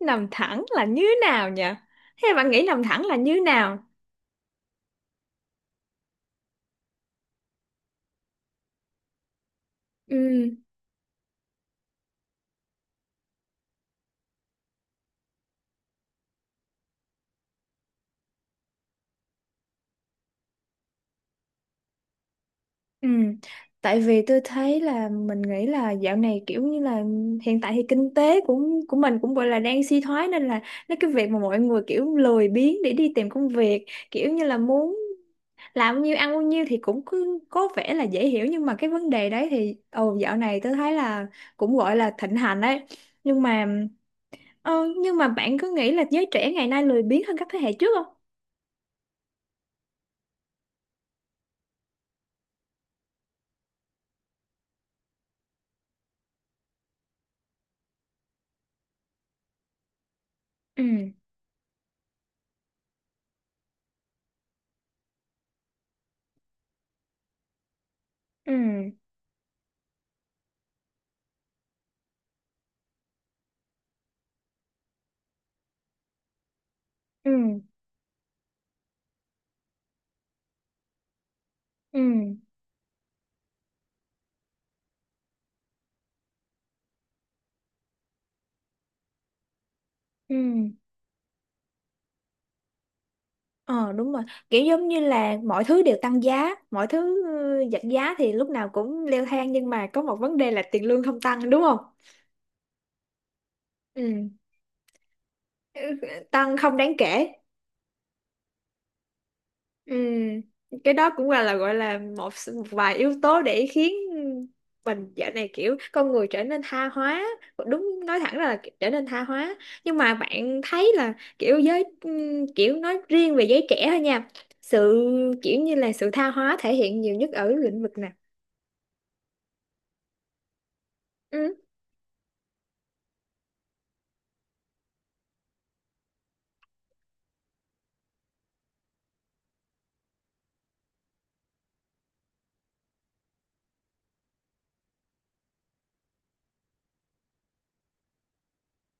Nằm thẳng là như nào nhỉ? Thế bạn nghĩ nằm thẳng là như nào? Ừ, ừ. Tại vì tôi thấy là mình nghĩ là dạo này kiểu như là hiện tại thì kinh tế của mình cũng gọi là đang suy thoái, nên là nó cái việc mà mọi người kiểu lười biếng để đi tìm công việc, kiểu như là muốn làm bao nhiêu ăn bao nhiêu thì cũng cứ có vẻ là dễ hiểu. Nhưng mà cái vấn đề đấy thì ồ, dạo này tôi thấy là cũng gọi là thịnh hành đấy. Nhưng mà nhưng mà bạn có nghĩ là giới trẻ ngày nay lười biếng hơn các thế hệ trước không? Ừ. Ừ, ừ, ừ, ừ. Ờ, đúng rồi, kiểu giống như là mọi thứ đều tăng giá, mọi thứ, ừ, giảm giá thì lúc nào cũng leo thang, nhưng mà có một vấn đề là tiền lương không tăng, đúng không? Ừ. Ừ, tăng không đáng kể. Ừ, cái đó cũng là gọi là một một vài yếu tố để khiến mình. Dạo này kiểu con người trở nên tha hóa, đúng, nói thẳng ra là trở nên tha hóa. Nhưng mà bạn thấy là kiểu giới kiểu nói riêng về giới trẻ thôi nha, sự, kiểu như là sự tha hóa thể hiện nhiều nhất ở lĩnh vực nào? Ừ.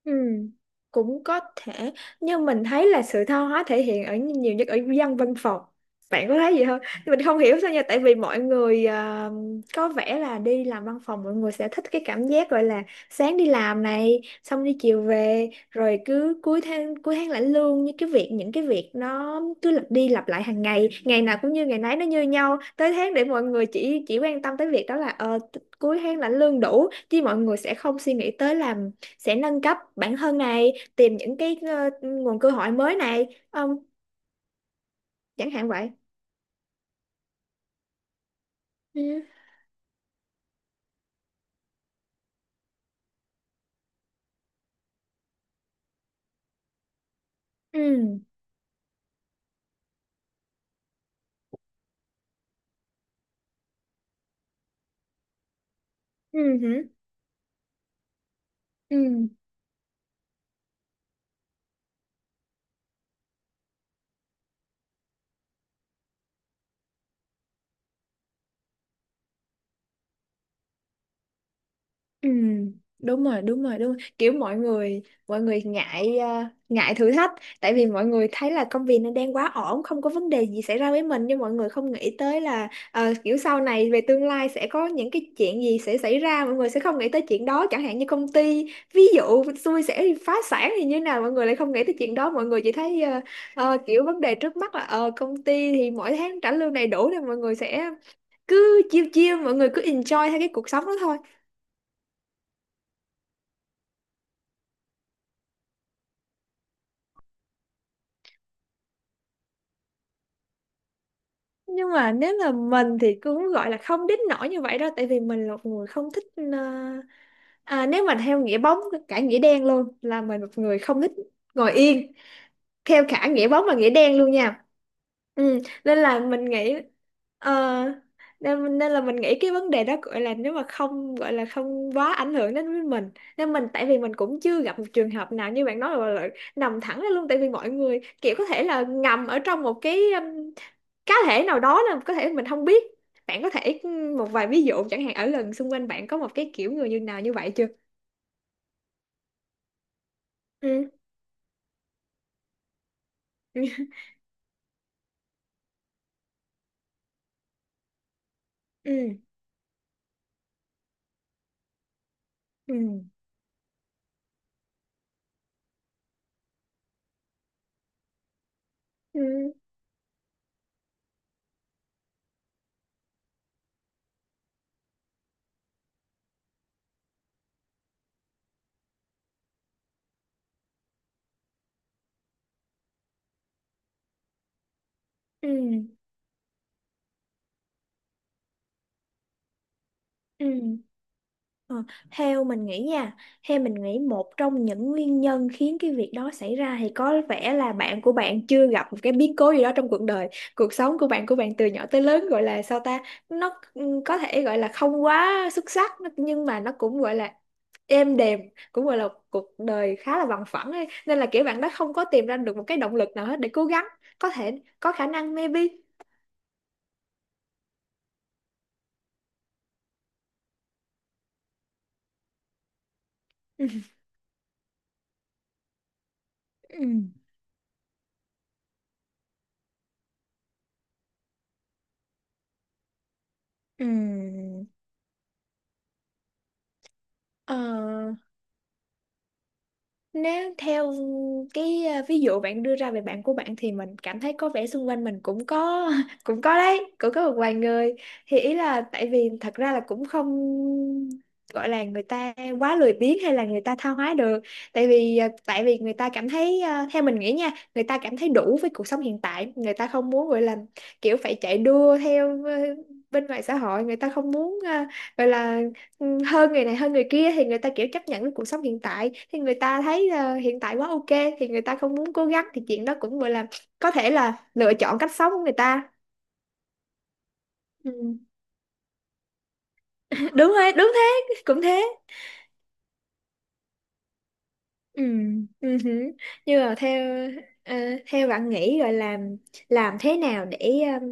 Ừ, cũng có thể, nhưng mình thấy là sự tha hóa thể hiện ở nhiều nhất ở dân văn phòng. Bạn có thấy gì không? Mình không hiểu sao nha, tại vì mọi người có vẻ là đi làm văn phòng mọi người sẽ thích cái cảm giác gọi là sáng đi làm này, xong đi chiều về, rồi cứ cuối tháng lãnh lương, như cái việc, những cái việc nó cứ lặp đi lặp lại hàng ngày, ngày nào cũng như ngày nấy nó như nhau, tới tháng để mọi người chỉ quan tâm tới việc đó, là cuối tháng lãnh lương đủ chứ. Mọi người sẽ không suy nghĩ tới làm, sẽ nâng cấp bản thân này, tìm những cái nguồn cơ hội mới này không, chẳng hạn vậy. Ừ, ừ, ừ, ừ. Ừ. Ừ, đúng rồi, đúng rồi, đúng rồi. Kiểu mọi người ngại, ngại thử thách. Tại vì mọi người thấy là công việc nó đang quá ổn, không có vấn đề gì xảy ra với mình, nhưng mọi người không nghĩ tới là kiểu sau này về tương lai sẽ có những cái chuyện gì sẽ xảy ra, mọi người sẽ không nghĩ tới chuyện đó. Chẳng hạn như công ty ví dụ xui sẽ bị phá sản thì như nào, mọi người lại không nghĩ tới chuyện đó, mọi người chỉ thấy kiểu vấn đề trước mắt là công ty thì mỗi tháng trả lương đầy đủ, thì mọi người sẽ cứ chiêu chiêu, mọi người cứ enjoy theo cái cuộc sống đó thôi. Nhưng mà nếu là mình thì cũng gọi là không đến nỗi như vậy đâu, tại vì mình là một người không thích nếu mà theo nghĩa bóng, cả nghĩa đen luôn, là mình một người không thích ngồi yên theo cả nghĩa bóng và nghĩa đen luôn nha. Ừ, nên là mình nghĩ, ờ, nên là mình nghĩ cái vấn đề đó gọi là, nếu mà không, gọi là không quá ảnh hưởng đến với mình. Nên mình, tại vì mình cũng chưa gặp một trường hợp nào như bạn nói là, nằm thẳng ra luôn. Tại vì mọi người kiểu có thể là ngầm ở trong một cái cá thể nào đó là có thể mình không biết. Bạn có thể một vài ví dụ chẳng hạn ở lần xung quanh bạn có một cái kiểu người như nào như vậy chưa? Ừ, ừ, ừ, ừ, ừ, ừ, ừ. Ờ, theo mình nghĩ nha, theo mình nghĩ một trong những nguyên nhân khiến cái việc đó xảy ra thì có vẻ là bạn của bạn chưa gặp một cái biến cố gì đó trong cuộc đời. Cuộc sống của bạn từ nhỏ tới lớn gọi là sao ta, nó, ừ, có thể gọi là không quá xuất sắc, nhưng mà nó cũng gọi là êm đềm, cũng gọi là cuộc đời khá là bằng phẳng ấy. Nên là kiểu bạn đó không có tìm ra được một cái động lực nào hết để cố gắng, có thể, có khả năng, maybe. Ừ. Ừ. Ờ, nếu theo ví dụ bạn đưa ra về bạn của bạn, thì mình cảm thấy có vẻ xung quanh mình cũng có cũng có đấy, cũng có một vài người. Thì ý là tại vì thật ra là cũng không gọi là người ta quá lười biếng hay là người ta tha hóa được. Tại vì người ta cảm thấy, theo mình nghĩ nha, người ta cảm thấy đủ với cuộc sống hiện tại, người ta không muốn gọi là kiểu phải chạy đua theo bên ngoài xã hội. Người ta không muốn, gọi là, ừ, hơn người này hơn người kia, thì người ta kiểu chấp nhận với cuộc sống hiện tại. Thì người ta thấy hiện tại quá ok, thì người ta không muốn cố gắng, thì chuyện đó cũng gọi là có thể là lựa chọn cách sống của người ta. Ừ. Đúng rồi, đúng thế, cũng thế. Ừ. Ừ. Hử. Nhưng mà theo, ờ, theo bạn nghĩ gọi là làm thế nào để ờ,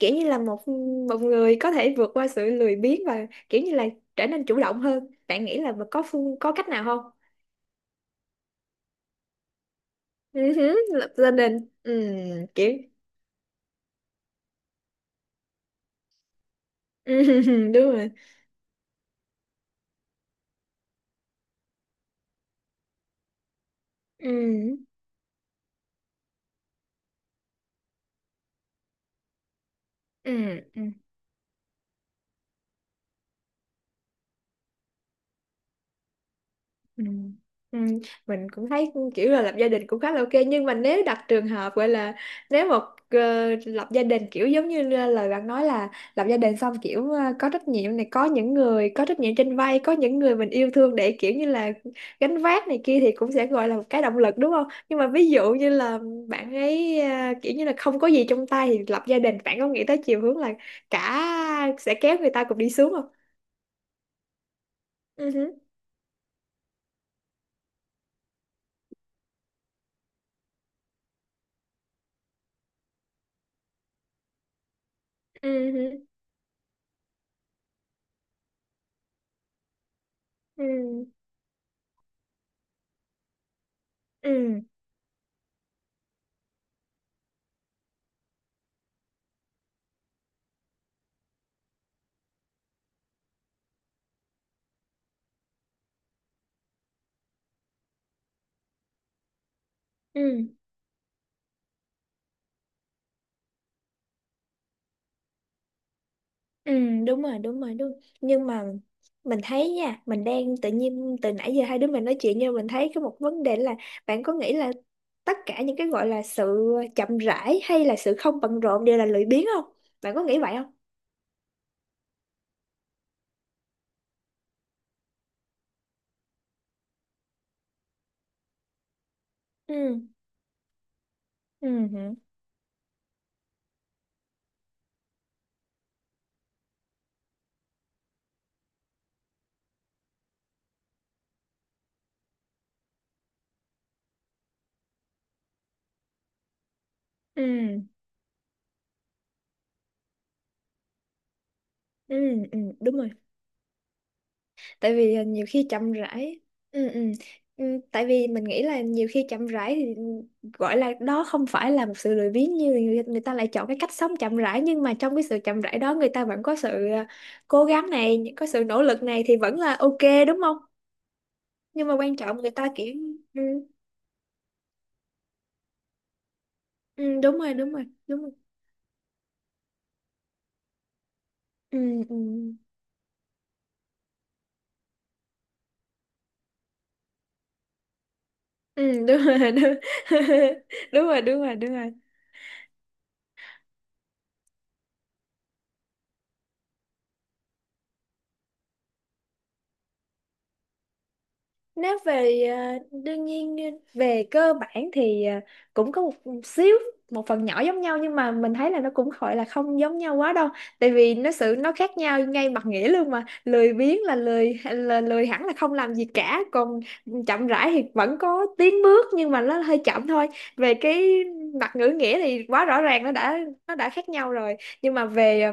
kiểu như là một một người có thể vượt qua sự lười biếng và kiểu như là trở nên chủ động hơn? Bạn nghĩ là có phương, có cách nào không? Ừ. Hử, lập gia đình. Ừ. Kiểu. Ừ, đúng rồi. Ừ, ừ, ừ, ừ, ừ. Mình cũng thấy kiểu là lập gia đình cũng khá là ok, nhưng mà nếu đặt trường hợp gọi là, nếu một, lập gia đình kiểu giống như lời bạn nói là lập gia đình xong kiểu có trách nhiệm này, có những người có trách nhiệm trên vai, có những người mình yêu thương để kiểu như là gánh vác này kia, thì cũng sẽ gọi là một cái động lực, đúng không? Nhưng mà ví dụ như là bạn ấy kiểu như là không có gì trong tay thì lập gia đình, bạn có nghĩ tới chiều hướng là cả sẽ kéo người ta cùng đi xuống không? Ừ, ừ, ừ, ừ, ừ, đúng rồi, đúng rồi, đúng. Nhưng mà mình thấy nha, mình đang tự nhiên từ nãy giờ hai đứa mình nói chuyện, nhưng mình thấy có một vấn đề là, bạn có nghĩ là tất cả những cái gọi là sự chậm rãi hay là sự không bận rộn đều là lười biếng không? Bạn có nghĩ vậy không? Ừ, ừ, ừ, ừ, ừ, đúng rồi. Tại vì, nhiều khi chậm rãi, ừ, ừ. Ừ, tại vì mình nghĩ là nhiều khi chậm rãi thì, ừ, gọi là đó không phải là một sự lười biếng, như người ta lại chọn cái cách sống chậm rãi, nhưng mà trong cái sự chậm rãi đó người ta vẫn có sự, cố gắng này, có sự nỗ lực này, thì vẫn là ok, đúng không? Nhưng mà quan trọng người ta kiểu, ừ, ừ, đúng rồi, đúng rồi, đúng rồi. Ừ, ừ. Ừ, đúng rồi, đúng, đúng rồi, đúng rồi, đúng rồi. Nếu về, đương nhiên, về cơ bản thì, cũng có một xíu, một phần nhỏ giống nhau, nhưng mà mình thấy là nó cũng gọi là không giống nhau quá đâu. Tại vì nó khác nhau ngay mặt nghĩa luôn mà, lười biếng là lười, là lười hẳn, là không làm gì cả, còn chậm rãi thì vẫn có tiến bước nhưng mà nó hơi chậm thôi. Về cái mặt ngữ nghĩa thì quá rõ ràng, nó đã, khác nhau rồi, nhưng mà về ờ,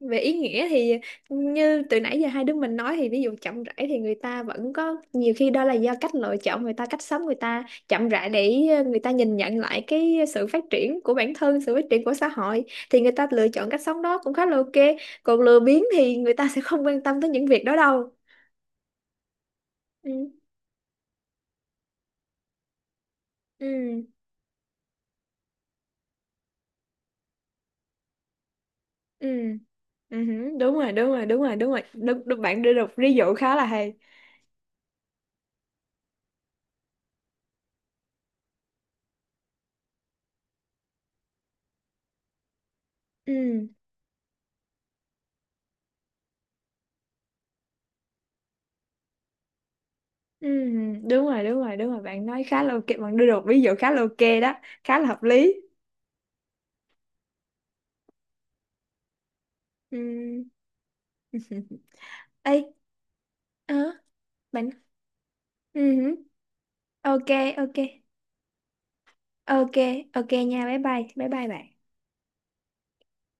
về ý nghĩa thì, như từ nãy giờ hai đứa mình nói, thì ví dụ chậm rãi thì người ta vẫn có nhiều khi đó là do cách lựa chọn, người ta cách sống, người ta chậm rãi để người ta nhìn nhận lại cái sự phát triển của bản thân, sự phát triển của xã hội, thì người ta lựa chọn cách sống đó cũng khá là ok. Còn lười biếng thì người ta sẽ không quan tâm tới những việc đó đâu. Ừ, ừ, ừ. Ừ, hử, đúng rồi, đúng rồi, đúng rồi, đúng rồi, đúng, đúng, bạn đưa được ví dụ khá là hay. Ừ. Ừ, đúng rồi, đúng rồi, đúng rồi, bạn nói khá là ok, bạn đưa được ví dụ khá là ok đó, khá là hợp lý. Ừ. Ê, ờ, bạn, ừ, ok, ok, ok, ok nha, bye bye bye bye bạn.